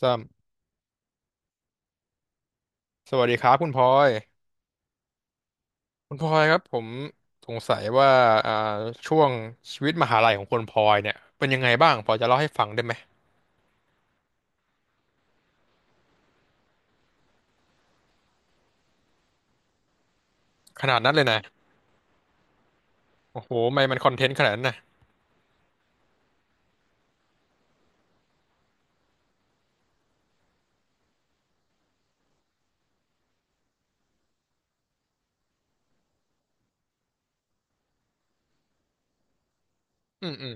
สามสวัสดีครับคุณพลอยคุณพลอยครับผมสงสัยว่าอ่าช่วงชีวิตมหาลัยของคุณพลอยเนี่ยเป็นยังไงบ้างพอจะเล่าให้ฟังได้ไหมขนาดนั้นเลยนะโอ้โหทำไมมันคอนเทนต์ขนาดนั้นนะอืมอืม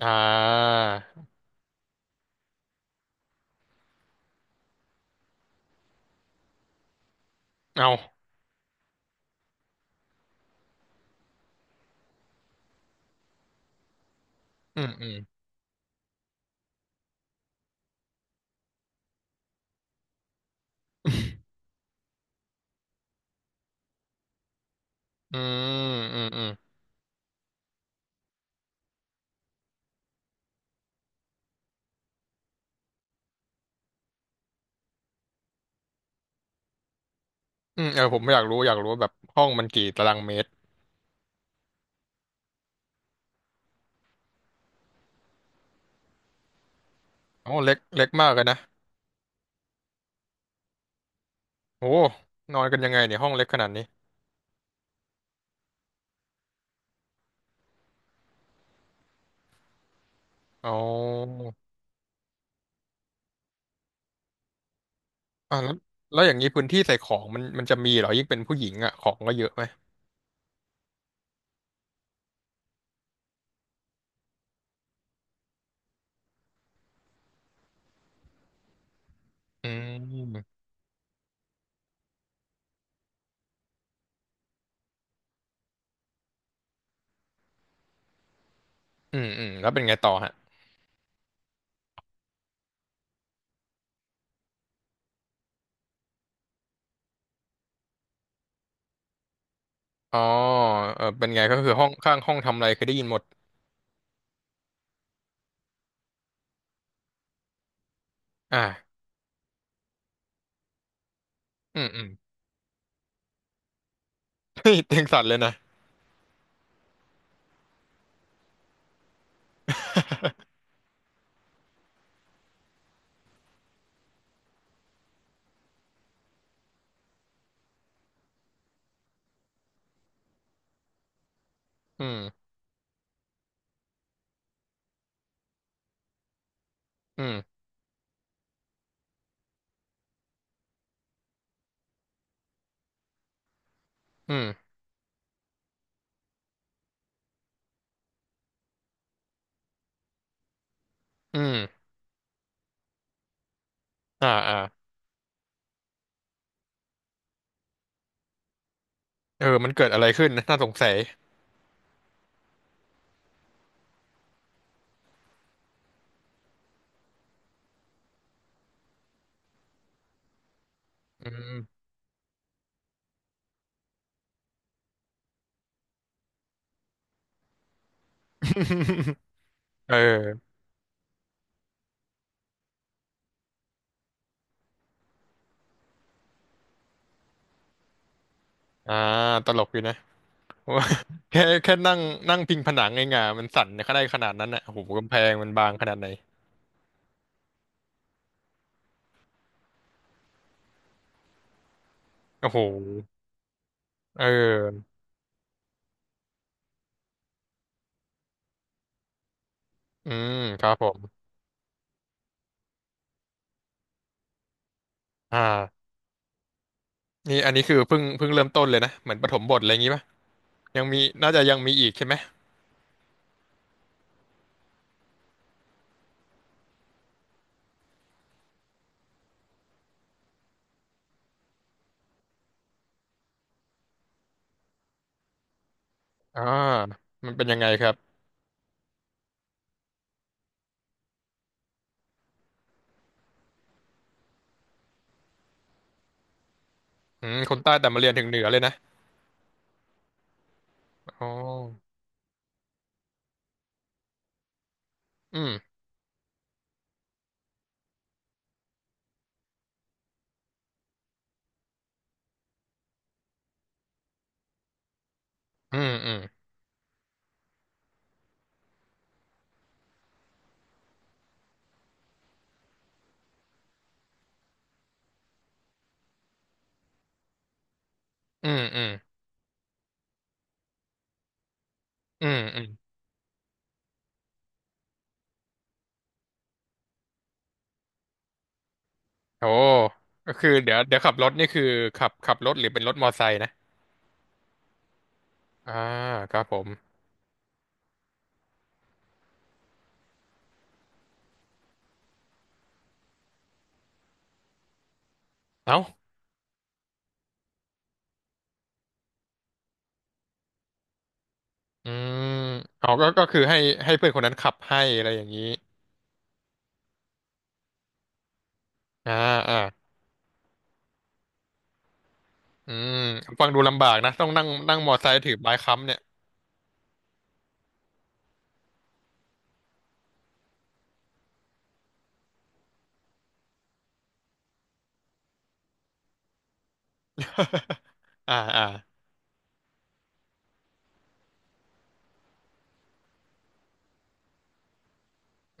อ่าเอาอืมอืมอืมอืมอืมอืมเออผมอยากรู้ว่าแบบห้องมันกี่ตารางเมตรอ๋อเล็กเล็กมากเลยนะโอ้นอนกันยังไงเนี่ยห้องเล็กขนาดนี้อ๋ออ่ะแล้วแล้วอย่างนี้พื้นที่ใส่ของมันจะมีเหรอยิ่งเป็นผู้หญิงอ่ะของก็เยอะไหม อืมอืมอืมแล้วเป็นไงต่อฮะอ๋อเออเป็นไงก็คือห้องข้างห้องทำอะไรเคยได้ยินหมดอ่าอืมอืม เฮ้ยเตียงสั่นเลยนะอืมอืมอืมอืมอ่าอ่าเออมันเกิดอะไรขึ้นนะน่าสงสัยอืม เอออ่าตลกอยู่นะ ว่าแค่นั่งนั่งพิงผนังเองอะมันสั่นขนาดนั้นอ่ะโอ้โหกำแพงมันบางขนาดไหนโอ้โหเอออืมครับผมอ่านี่อันนี้คือเพิ่งเริ่มต้นเลยนะเหมือนปฐมบทอะไรอย่างงี้ปะ ยังมีน่าจะยังมีอีกใช่ไหมอ่ามันเป็นยังไงครับอืมคนใต้แต่มาเรียนถึงเหนือเลยนะอ๋ออืมอืมอืมอืมอืมอืมอืมโอ้ก็คือเดี๋ยวขับรถนี่คือขับรถหรือเป็นรถมอไซค์นะอ่าครับผมเอ้าอืมเอาก็คือให้เพื่อนคนนั้นขับให้อะไรอย่างนี้อ่าอ่าอืมฟังดูลำบากนะต้องนั่งนั่งมอไซค์ถือไม้ค้ำเนี่ย อ่าอ่า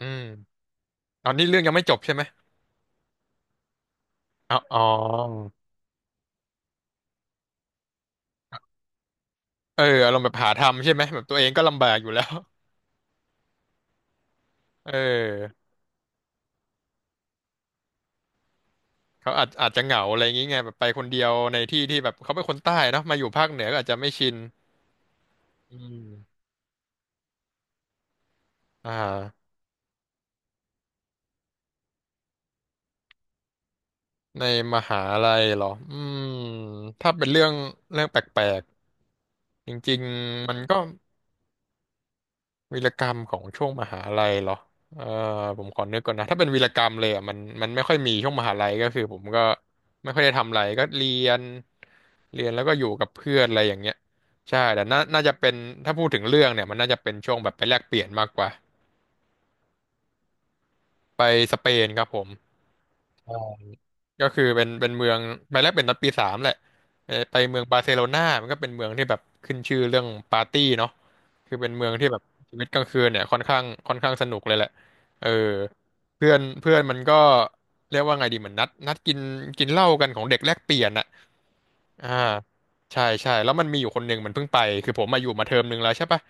อืมตอนนี้เรื่องยังไม่จบใช่ไหมอ๋ออ๋อ เอออารมณ์แบบหาทำใช่ไหมแบบตัวเองก็ลำบากอยู่แล้ว เออเขาอาจจะเหงาอะไรอย่างงี้ไงแบบไปคนเดียวในที่ที่แบบเขาเป็นคนใต้เนาะมาอยู่ภาคเหนือก็อาจจะไม่ชินอืมอ่าในมหาลัยเหรออืมถ้าเป็นเรื่องแปลกๆจริงๆมันก็ วีรกรรมของช่วงมหาลัยเหรอเออผมขอนึกก่อนนะถ้าเป็นวีรกรรมเลยอ่ะมันไม่ค่อยมีช่วงมหาลัยก็คือผมก็ไม่ค่อยได้ทำอะไรก็เรียนแล้วก็อยู่กับเพื่อนอะไรอย่างเงี้ยใช่แต่น่าจะเป็นถ้าพูดถึงเรื่องเนี่ยมันน่าจะเป็นช่วงแบบไปแลกเปลี่ยนมากกว่าไปสเปนครับผม ก็คือเป็นเมืองไปแรกเป็นตอนปีสามแหละไปเมืองบาร์เซโลนามันก็เป็นเมืองที่แบบขึ้นชื่อเรื่องปาร์ตี้เนาะคือเป็นเมืองที่แบบชีวิตกลางคืนเนี่ยค่อนข้างสนุกเลยแหละเออเพื่อนเพื่อนมันก็เรียกว่าไงดีเหมือนนัดกินกินเหล้ากันของเด็กแลกเปลี่ยนอะอ่าใช่ใช่แล้วมันมีอยู่คนหนึ่งมันเพิ่งไปคือผมมาอยู่มาเทอมหนึ่งแล้วใช่ปะ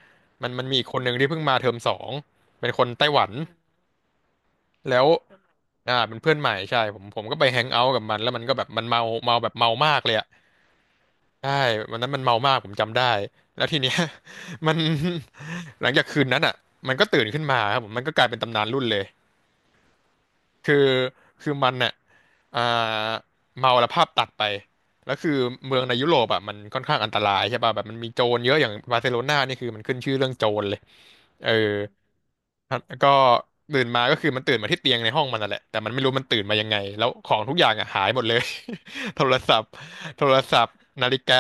มันมีอีกคนหนึ่งที่เพิ่งมาเทอมสองเป็นคนไต้หวัน แล้วอ่าเป็นเพื่อนใหม่ใช่ผมก็ไปแฮงเอาท์กับมันแล้วมันก็แบบมันเมาแบบเมามากเลยอะใช่วันนั้นมันเมามากผมจำได้แล้วทีเนี้ย มัน หลังจากคืนนั้นอ่ะมันก็ตื่นขึ้นมาครับผมมันก็กลายเป็นตำนานรุ่นเลยคือคือมันเนี่ยอ่าเมาแล้วภาพตัดไปแล้วคือเมืองในยุโรปอ่ะมันค่อนข้างอันตรายใช่ป่ะแบบมันมีโจรเยอะอย่างบาร์เซโลนานี่คือมันขึ้นชื่อเรื่องโจรเลยเออ ก็ตื่นมาก็คือมันตื่นมาที่เตียงในห้องมันนั่นแหละแต่มันไม่รู้มันตื่นมายังไงแล้วของทุกอย่างอ่ะหายหมดเลย โทรศัพท์โทรศัพท์นาฬิกา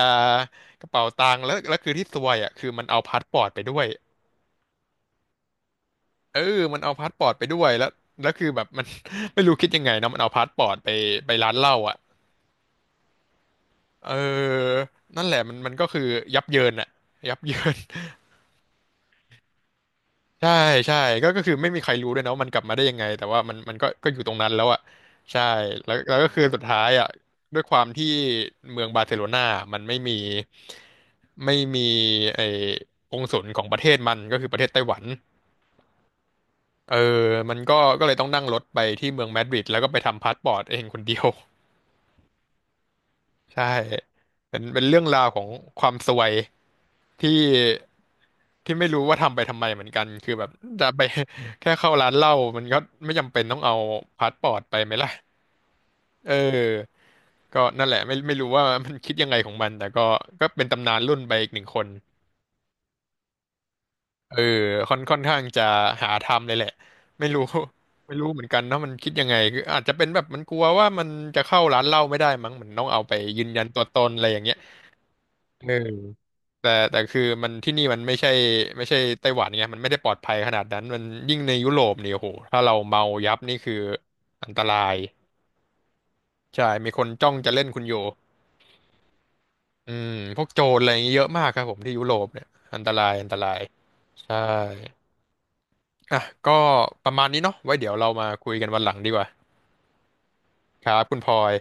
กระเป๋าตังค์แล้วคือที่ซวยอ่ะคือมันเอาพาสปอร์ตไปด้วยเออมันเอาพาสปอร์ตไปด้วยแล้วคือแบบ มัน ไม่รู้คิดยังไงเนาะมันเอาพาสปอร์ตไปไปร้านเหล้าอ่ะเออนั่นแหละมันก็คือยับเยินอ่ะยับเยิน ใช่ใช่ก็คือไม่มีใครรู้ด้วยนะว่ามันกลับมาได้ยังไงแต่ว่ามันก็อยู่ตรงนั้นแล้วอ่ะใช่แล้วก็คือสุดท้ายอ่ะด้วยความที่เมืองบาร์เซโลนามันไม่มีไอ้องค์ศุลของประเทศมันก็คือประเทศไต้หวันเออมันก็เลยต้องนั่งรถไปที่เมืองมาดริดแล้วก็ไปทำพาสปอร์ตเองคนเดียวใช่เป็นเรื่องราวของความซวย ที่ที่ไม่รู้ว่าทำไปทำไมเหมือนกันคือแบบจะไป แค่เข้าร้านเหล้ามันก็ไม่จำเป็นต้องเอาพาสปอร์ตไปไหมล่ะเออก็นั่นแหละไม่รู้ว่ามันคิดยังไงของมันแต่ก็ก็เป็นตำนานรุ่นไปอีกหนึ่งคนเออค่อนข้างจะหาทำเลยแหละไม่รู้ ไม่รู้เหมือนกันเนาะมันคิดยังไงคืออาจจะเป็นแบบมันกลัวว่ามันจะเข้าร้านเหล้าไม่ได้มั้งมันต้องเอาไปยืนยันตัวตนอะไรอย่างเงี้ย เออแต่คือมันที่นี่มันไม่ใช่ไต้หวันไงมันไม่ได้ปลอดภัยขนาดนั้นมันยิ่งในยุโรปเนี่ยโอ้โหถ้าเราเมายับนี่คืออันตรายใช่มีคนจ้องจะเล่นคุณอยู่อืมพวกโจรอะไรอย่างเงี้ยเยอะมากครับผมที่ยุโรปเนี่ยอันตรายอันตรายใช่อ่ะก็ประมาณนี้เนาะไว้เดี๋ยวเรามาคุยกันวันหลังดีกว่าครับคุณพลอย